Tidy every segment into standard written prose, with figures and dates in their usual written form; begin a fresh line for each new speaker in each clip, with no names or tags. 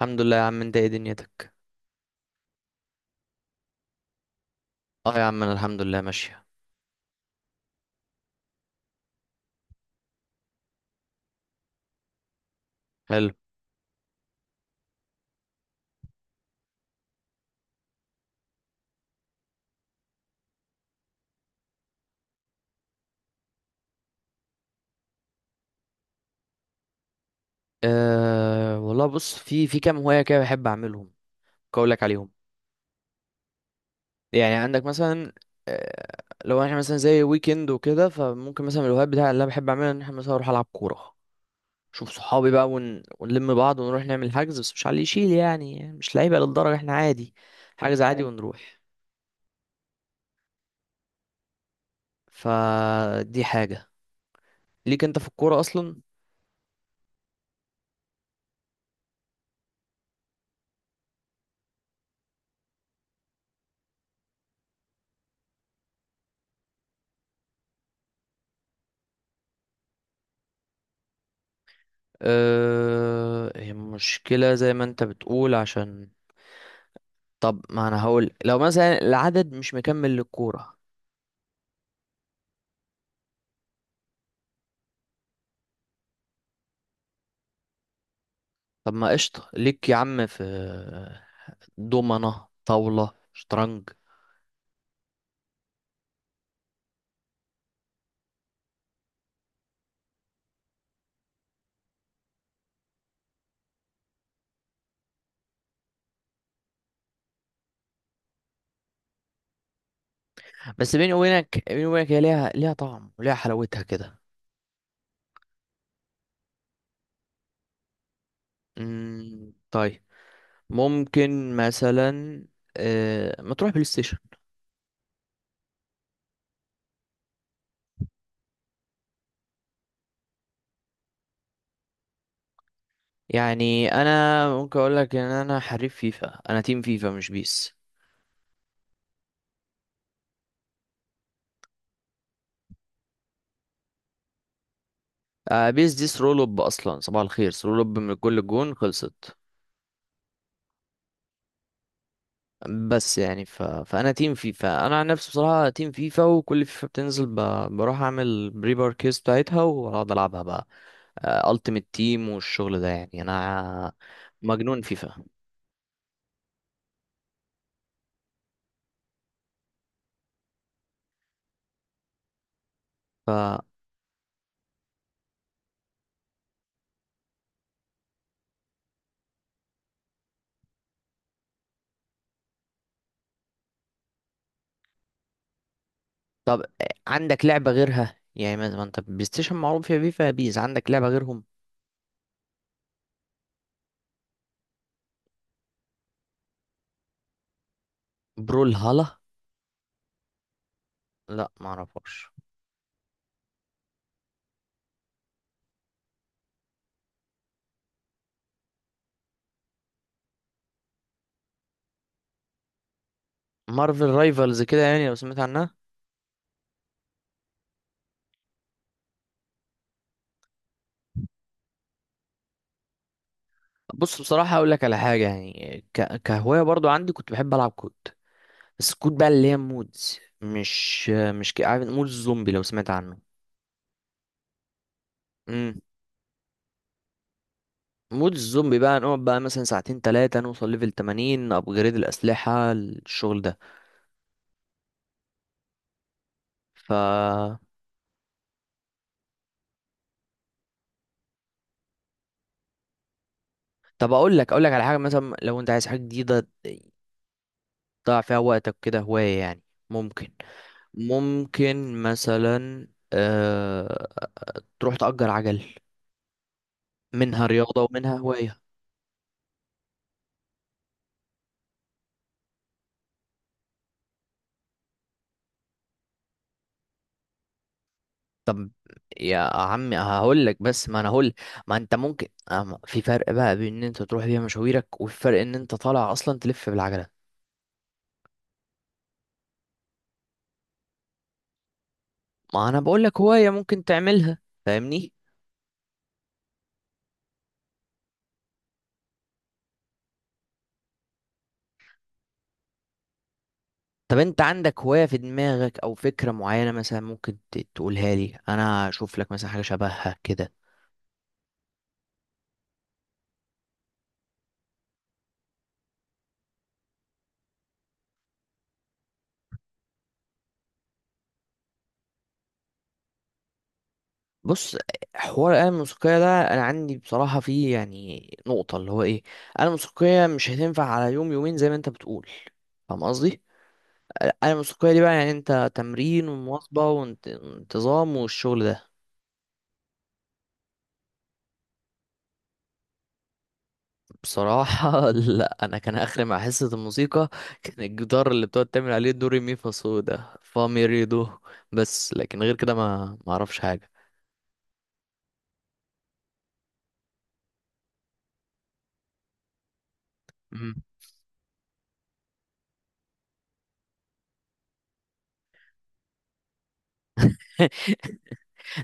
الحمد لله يا عم، انت ايه دنيتك؟ اه يا عم، انا الحمد لله ماشية. حلو. أه والله بص، في كام هواية كده بحب اعملهم، اقولك عليهم. يعني عندك مثلا، أه، لو احنا مثلا زي ويكند وكده، فممكن مثلا من الهوايات بتاعي اللي انا بحب اعملها ان احنا مثلا اروح العب كورة، اشوف صحابي بقى، ونلم بعض ونروح نعمل حجز، بس مش على اللي يشيل، يعني مش لعيبة للدرجة، احنا عادي. حجز عادي ونروح. فدي حاجة. ليك انت في الكورة اصلا؟ أه، هي مشكلة زي ما انت بتقول، عشان طب ما انا هقول، لو مثلا العدد مش مكمل للكورة. طب ما قشطة، ليك يا عم في دومنة، طاولة، شطرنج. بس بيني وبينك، بيني وبينك هي ليها طعم وليها حلاوتها كده. طيب، ممكن مثلا، ما تروح بلاي ستيشن. يعني انا ممكن اقول لك ان انا حريف فيفا، انا تيم فيفا مش بيس. بيس دي سرولوب اصلا، صباح الخير، سرولوب، من كل الجون خلصت. بس يعني فانا تيم فيفا، انا عن نفسي بصراحه تيم فيفا، وكل فيفا بتنزل بروح اعمل بري باركيز بتاعتها واقعد العبها بقى، التيمت تيم والشغل ده، يعني انا مجنون فيفا. ف طب عندك لعبه غيرها؟ يعني ما انت بلاي ستيشن معروف فيها فيفا بيز، عندك لعبه غيرهم؟ برول هالا، لا ما اعرفهاش. مارفل رايفلز كده يعني، لو سمعت عنها. بص بصراحه اقول لك على حاجه، يعني كهوايه برضو عندي، كنت بحب العب كود سكوت بقى، اللي هي مودز، مش عارف مودز زومبي؟ لو سمعت عنه. امم، مودز الزومبي بقى نقعد بقى مثلا ساعتين تلاتة، نوصل ليفل 80، ابجريد الأسلحة، الشغل ده. ف طب اقول لك، اقول لك على حاجة، مثلا لو انت عايز حاجة جديدة تضيع فيها وقتك كده، هواية يعني، ممكن، ممكن مثلا، آه... تروح تأجر عجل. منها رياضة ومنها هواية. طب يا عمي هقول لك، بس ما انا هقول، ما انت ممكن، أما في فرق بقى بين ان انت تروح بيها مشاويرك وفي فرق ان انت طالع اصلا تلف بالعجله. ما انا بقول لك هوايه ممكن تعملها، فاهمني؟ طب انت عندك هوايه في دماغك او فكره معينه مثلا ممكن تقولها لي، انا اشوف لك مثلا حاجه شبهها كده. بص، حوار الآلة الموسيقية ده أنا عندي بصراحة فيه يعني نقطة، اللي هو إيه، الآلة الموسيقية مش هتنفع على يوم يومين زي ما أنت بتقول، فاهم قصدي؟ انا الموسيقيه دي بقى يعني انت تمرين ومواظبه وانتظام والشغل ده. بصراحه لا، انا كان اخري مع حصه الموسيقى كان الجدار اللي بتقعد تعمل عليه دوري مي فا صو ده فا مي ري دو. بس لكن غير كده ما اعرفش حاجه. مم.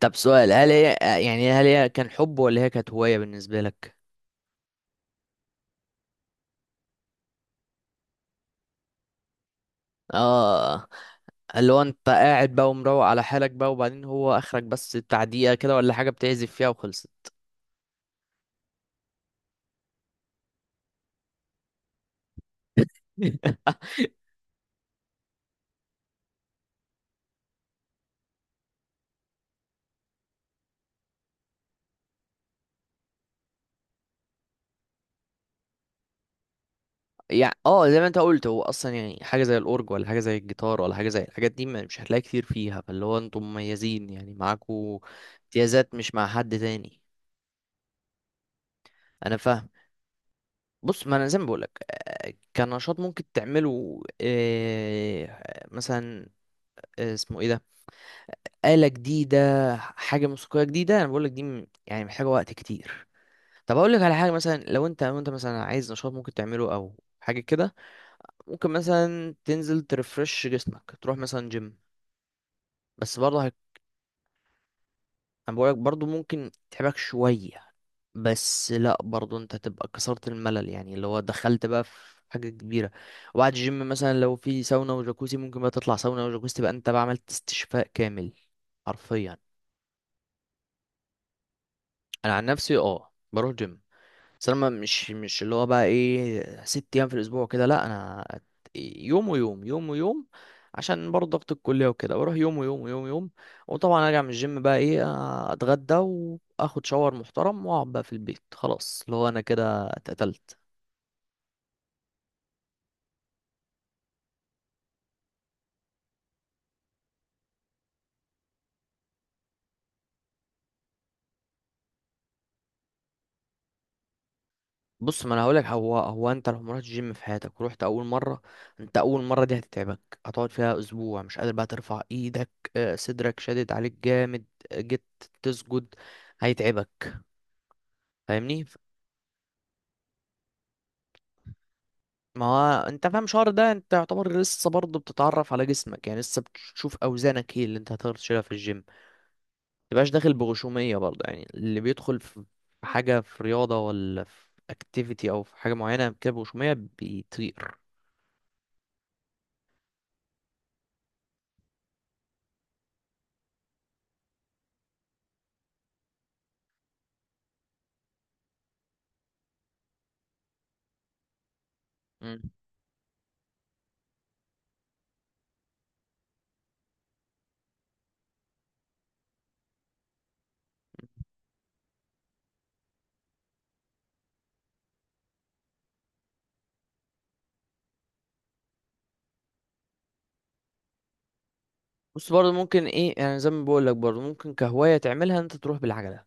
طب سؤال، هل هي، يعني هل هي كان حب ولا هي كانت هوايه بالنسبه لك؟ اه، اللي هو انت قاعد بقى ومروق على حالك بقى، وبعدين هو اخرك بس بتاع دقيقه كده ولا حاجه بتعزف فيها وخلصت. يعني اه، زي ما انت قلت، هو اصلا يعني حاجه زي الاورج، ولا حاجه زي الجيتار، ولا حاجه زي الحاجات دي مش هتلاقي كتير فيها، فاللي هو انتم مميزين يعني معاكوا امتيازات مش مع حد تاني. انا فاهم. بص ما انا زي ما بقولك، كنشاط ممكن تعمله، مثلا، اسمه ايه ده، آلة جديدة، حاجة موسيقية جديدة، انا بقولك دي يعني محتاجة وقت كتير. طب اقولك على حاجة، مثلا لو انت، لو انت مثلا عايز نشاط ممكن تعمله او حاجة كده، ممكن مثلا تنزل ترفرش جسمك، تروح مثلا جيم. بس برضه انا بقولك برضه ممكن تتعبك شوية، بس لا برضه انت تبقى كسرت الملل، يعني اللي هو دخلت بقى في حاجة كبيرة. وبعد الجيم مثلا لو في ساونا وجاكوزي، ممكن بقى تطلع ساونا وجاكوزي، تبقى انت بقى عملت استشفاء كامل حرفيا. انا عن نفسي اه بروح جيم، بس انا مش اللي هو بقى ايه ست ايام في الاسبوع كده، لا انا يوم ويوم، يوم ويوم، عشان برضه ضغط الكليه وكده، بروح يوم ويوم، ويوم ويوم. وطبعا ارجع من الجيم بقى ايه، اتغدى، واخد شاور محترم، واقعد بقى في البيت، خلاص اللي هو انا كده اتقتلت. بص ما انا هقولك، هو انت لو ما رحتش جيم في حياتك ورحت اول مره، انت اول مره دي هتتعبك، هتقعد فيها اسبوع مش قادر بقى ترفع ايدك، صدرك شادد عليك جامد، جيت تسجد هيتعبك، فاهمني؟ ما هو انت فاهم شهر ده انت يعتبر لسه برضه بتتعرف على جسمك، يعني لسه بتشوف اوزانك ايه اللي انت هتقدر تشيلها في الجيم. متبقاش داخل بغشومية برضه، يعني اللي بيدخل في في حاجة، في رياضة ولا في اكتيفيتي او في حاجة معينة كده بغشومية، بيطير. مم. بص برضه ممكن ايه، يعني زي ما بقول لك برضه ممكن كهواية تعملها ان انت تروح بالعجلة،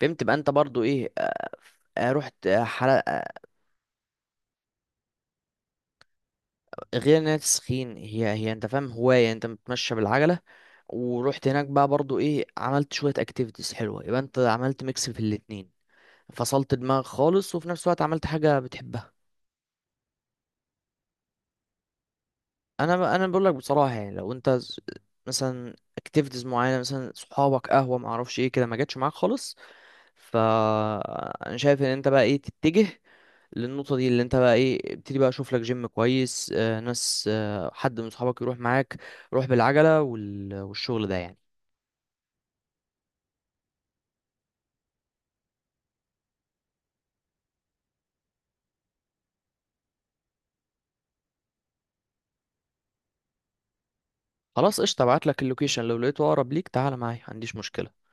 فهمت؟ تبقى انت برضه ايه، اه، رحت حلقة. غير ان هي تسخين، هي انت فاهم هواية انت بتمشى بالعجلة، ورحت هناك بقى برضو ايه، عملت شوية اكتيفيتيز حلوة، يبقى انت عملت ميكس في الاتنين، فصلت دماغك خالص وفي نفس الوقت عملت حاجة بتحبها. انا انا بقول لك بصراحة، يعني لو انت مثلا اكتيفيتيز معينة، مثلا صحابك، قهوة، معرفش ايه كده، ما جاتش معاك خالص، فانا شايف ان انت بقى ايه تتجه للنقطة دي، اللي انت بقى ايه ابتدي بقى اشوف لك جيم كويس، ناس، حد من صحابك يروح معاك، روح بالعجلة والشغل ده يعني. خلاص قشطة، ابعت لك اللوكيشن، لو لقيته اقرب ليك تعال معايا، ما عنديش مشكلة.